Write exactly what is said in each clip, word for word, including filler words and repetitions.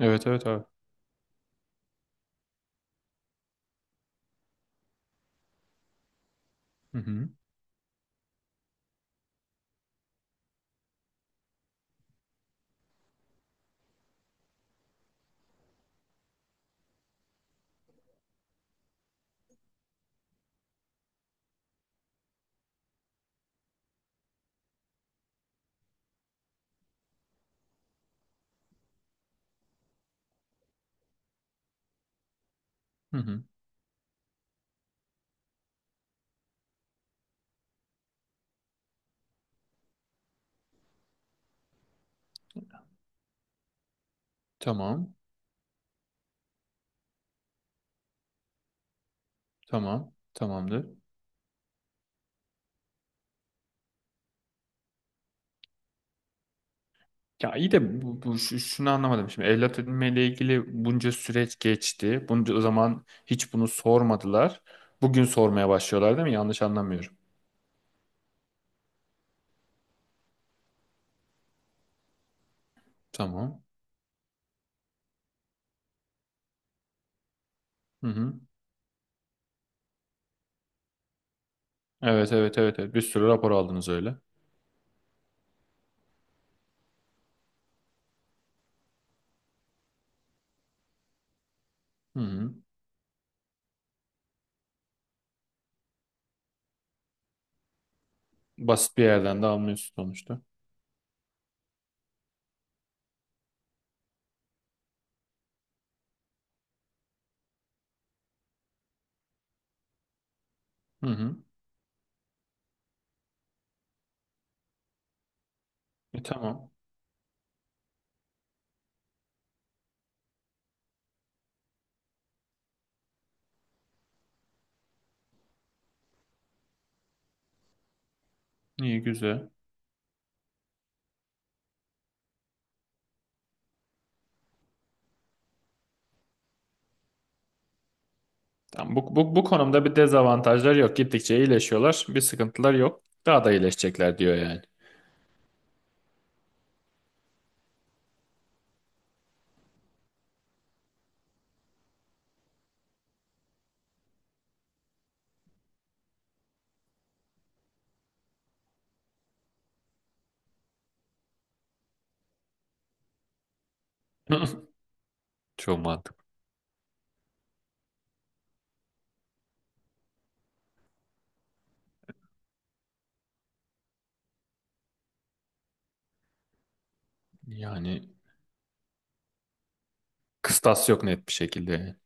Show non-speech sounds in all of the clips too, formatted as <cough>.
Evet evet abi. Hı hı. Hı hı. Tamam. Tamam. Tamamdır. Ya iyi de bu, bu şu- şunu anlamadım şimdi. Evlat edinmeyle ilgili bunca süreç geçti. Bunca o zaman hiç bunu sormadılar. Bugün sormaya başlıyorlar değil mi? Yanlış anlamıyorum. Tamam. Hı hı. Evet evet evet. Evet. Bir sürü rapor aldınız öyle. Hı hı. Basit bir yerden de almıyorsun sonuçta. Hı hı. E, tamam. İyi güzel. Tamam. Bu, bu, bu konumda bir dezavantajlar yok. Gittikçe iyileşiyorlar. Bir sıkıntılar yok. Daha da iyileşecekler diyor yani. <laughs> Çok mantıklı. Yani kıstas yok net bir şekilde.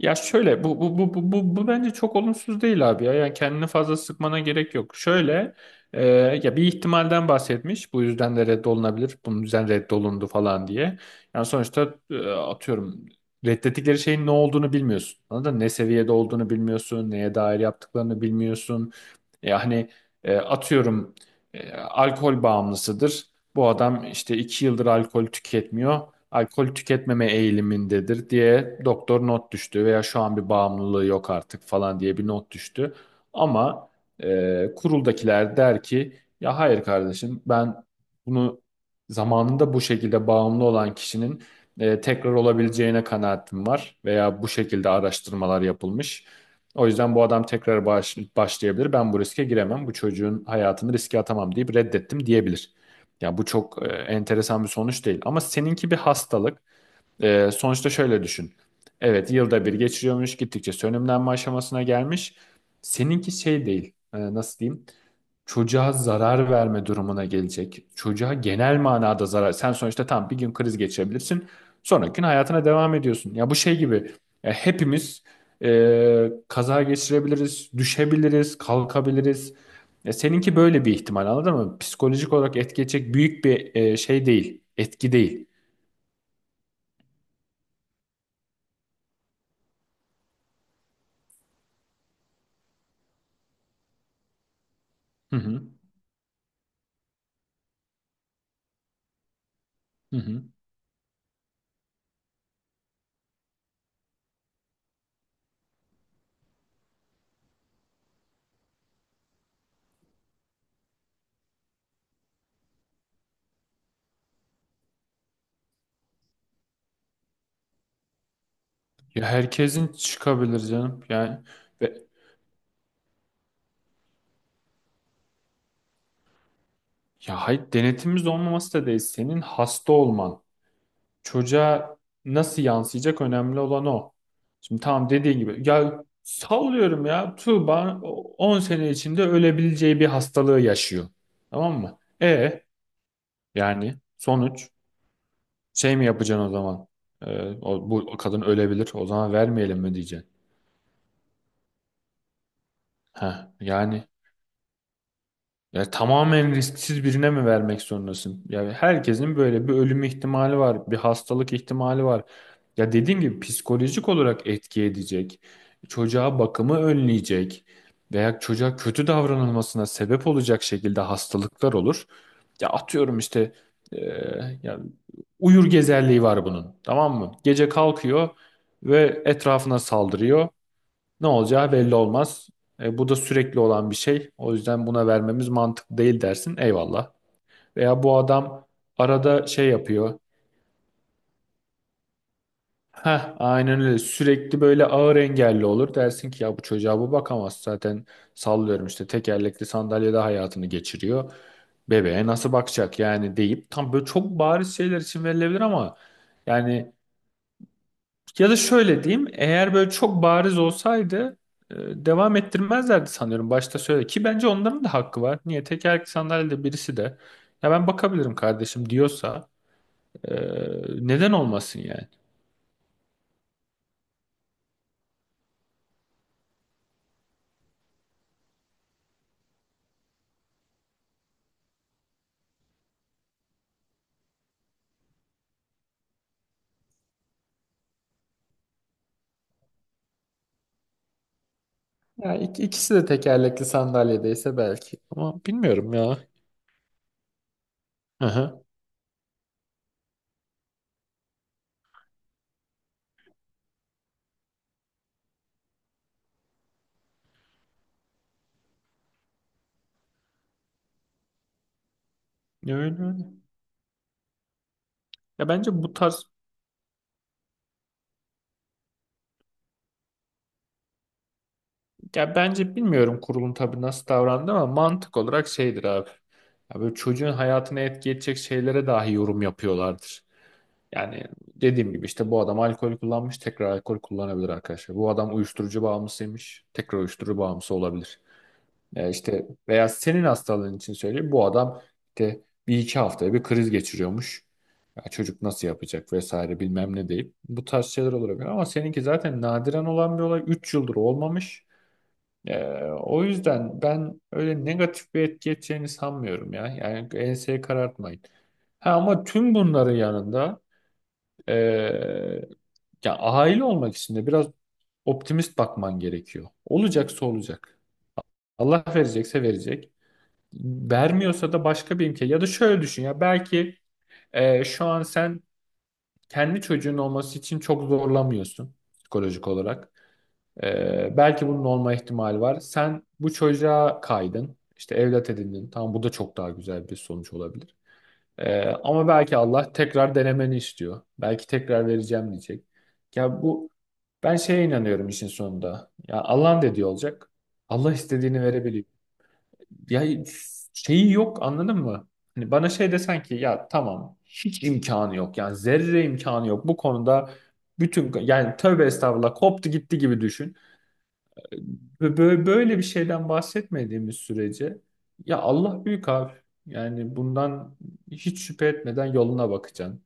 Ya şöyle bu bu bu bu bu, bu bence çok olumsuz değil abi ya. Yani kendini fazla sıkmana gerek yok. Şöyle, e, ya bir ihtimalden bahsetmiş. Bu yüzden de reddolunabilir. Bunun yüzden reddolundu falan diye. Yani sonuçta e, atıyorum, reddettikleri şeyin ne olduğunu bilmiyorsun. Anladın mı? Ne seviyede olduğunu bilmiyorsun. Neye dair yaptıklarını bilmiyorsun. Yani e, atıyorum, e, alkol bağımlısıdır. Bu adam işte iki yıldır alkol tüketmiyor, alkol tüketmeme eğilimindedir diye doktor not düştü veya şu an bir bağımlılığı yok artık falan diye bir not düştü. Ama e, kuruldakiler der ki ya hayır kardeşim, ben bunu zamanında bu şekilde bağımlı olan kişinin e, tekrar olabileceğine kanaatim var veya bu şekilde araştırmalar yapılmış. O yüzden bu adam tekrar baş- başlayabilir. Ben bu riske giremem. Bu çocuğun hayatını riske atamam deyip reddettim diyebilir. Ya bu çok e, enteresan bir sonuç değil. Ama seninki bir hastalık. E, sonuçta şöyle düşün. Evet, yılda bir geçiriyormuş. Gittikçe sönümlenme aşamasına gelmiş. Seninki şey değil. E, nasıl diyeyim? Çocuğa zarar verme durumuna gelecek. Çocuğa genel manada zarar. Sen sonuçta tam bir gün kriz geçirebilirsin. Sonraki gün hayatına devam ediyorsun. Ya bu şey gibi. Ya hepimiz e, kaza geçirebiliriz, düşebiliriz, kalkabiliriz. Ya seninki böyle bir ihtimal, anladın mı? Psikolojik olarak etkileyecek büyük bir e, şey değil, etki değil. Hı hı. Hı hı. Ya herkesin çıkabilir canım. Yani, ve ya hayır, denetimimiz olmaması da değil. Senin hasta olman çocuğa nasıl yansıyacak, önemli olan o. Şimdi tamam, dediğin gibi ya sallıyorum, ya Tuğba o- on sene içinde ölebileceği bir hastalığı yaşıyor. Tamam mı? E yani sonuç şey mi yapacaksın o zaman? Ee, o, bu kadın ölebilir, o zaman vermeyelim mi diyeceksin? Heh, yani. Ya tamamen risksiz birine mi vermek zorundasın? Yani herkesin böyle bir ölüm ihtimali var, bir hastalık ihtimali var. Ya dediğim gibi, psikolojik olarak etki edecek, çocuğa bakımı önleyecek veya çocuğa kötü davranılmasına sebep olacak şekilde hastalıklar olur. Ya atıyorum işte, e, ya uyur gezerliği var bunun, tamam mı? Gece kalkıyor ve etrafına saldırıyor. Ne olacağı belli olmaz. E, bu da sürekli olan bir şey. O yüzden buna vermemiz mantıklı değil dersin. Eyvallah. Veya bu adam arada şey yapıyor. Heh, aynen öyle. Sürekli böyle ağır engelli olur. Dersin ki ya bu çocuğa bu bakamaz. Zaten sallıyorum işte, tekerlekli sandalyede hayatını geçiriyor. Bebeğe nasıl bakacak yani deyip, tam böyle çok bariz şeyler için verilebilir ama yani. Ya da şöyle diyeyim, eğer böyle çok bariz olsaydı e, devam ettirmezlerdi sanıyorum, başta söyle ki, bence onların da hakkı var. Niye tekerlekli sandalyede birisi de ya ben bakabilirim kardeşim diyorsa e, neden olmasın yani? Ya ik- ikisi de tekerlekli sandalyedeyse belki, ama bilmiyorum ya. Aha. Öyle öyle. Ya bence bu tarz ya bence bilmiyorum, kurulun tabii nasıl davrandı, ama mantık olarak şeydir abi. Ya böyle çocuğun hayatına etki edecek şeylere dahi yorum yapıyorlardır. Yani dediğim gibi işte, bu adam alkol kullanmış, tekrar alkol kullanabilir arkadaşlar. Bu adam uyuşturucu bağımlısıymış, tekrar uyuşturucu bağımlısı olabilir. E işte veya senin hastalığın için söyleyeyim, bu adam işte bir iki haftaya bir kriz geçiriyormuş. Ya çocuk nasıl yapacak vesaire bilmem ne deyip bu tarz şeyler olabilir, ama seninki zaten nadiren olan bir olay, üç yıldır olmamış. E, O yüzden ben öyle negatif bir etki edeceğini sanmıyorum ya. Yani enseyi karartmayın. Ha, ama tüm bunların yanında, ee, ya aile olmak için de biraz optimist bakman gerekiyor. Olacaksa olacak. Allah verecekse verecek. Vermiyorsa da başka bir imkan. Ya da şöyle düşün, ya belki e, şu an sen kendi çocuğun olması için çok zorlamıyorsun psikolojik olarak. Ee, belki bunun olma ihtimali var. Sen bu çocuğa kaydın, işte evlat edindin. Tamam, bu da çok daha güzel bir sonuç olabilir. Ee, ama belki Allah tekrar denemeni istiyor. Belki tekrar vereceğim diyecek. Ya bu Ben şeye inanıyorum işin sonunda. Ya Allah'ın dediği olacak. Allah istediğini verebiliyor. Ya, şeyi yok, anladın mı? Hani bana şey desen ki ya tamam, hiç imkanı yok. Yani zerre imkanı yok. Bu konuda bütün, yani tövbe estağfurullah, koptu gitti gibi düşün. Ve böyle, böyle bir şeyden bahsetmediğimiz sürece, ya Allah büyük abi. Yani bundan hiç şüphe etmeden yoluna bakacaksın.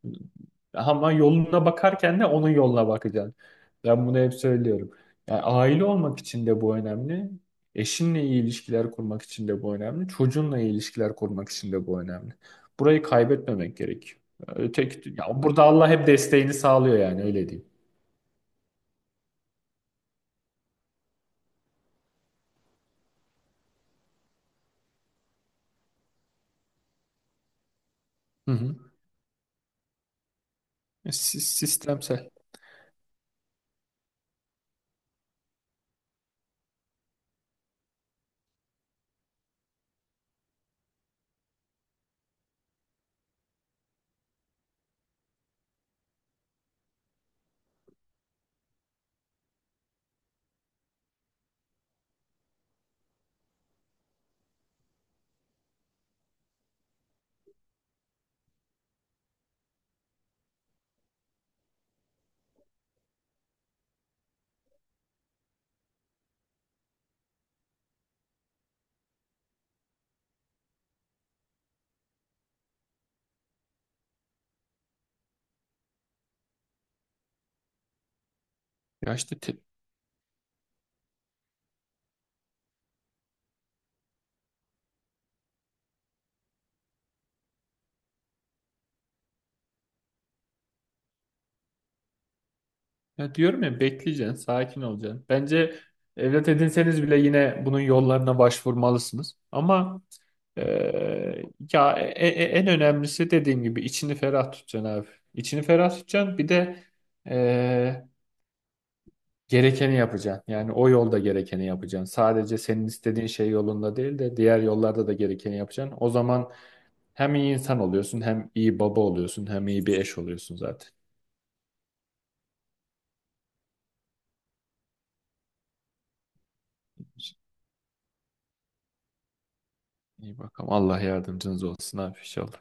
Ama yoluna bakarken de onun yoluna bakacaksın. Ben bunu hep söylüyorum. Yani aile olmak için de bu önemli. Eşinle iyi ilişkiler kurmak için de bu önemli. Çocuğunla iyi ilişkiler kurmak için de bu önemli. Burayı kaybetmemek gerekiyor. Öteki, ya burada Allah hep desteğini sağlıyor, yani öyle diyeyim. Hı hı. Si- Sistemsel. Ya işte te- Ya diyorum ya, bekleyeceksin, sakin olacaksın. Bence evlat edinseniz bile yine bunun yollarına başvurmalısınız. Ama eee, ya e- e- en önemlisi, dediğim gibi içini ferah tutacaksın abi. İçini ferah tutacaksın. Bir de eee, gerekeni yapacaksın. Yani o yolda gerekeni yapacaksın. Sadece senin istediğin şey yolunda değil de diğer yollarda da gerekeni yapacaksın. O zaman hem iyi insan oluyorsun, hem iyi baba oluyorsun, hem iyi bir eş oluyorsun zaten. İyi bakalım. Allah yardımcınız olsun abi inşallah.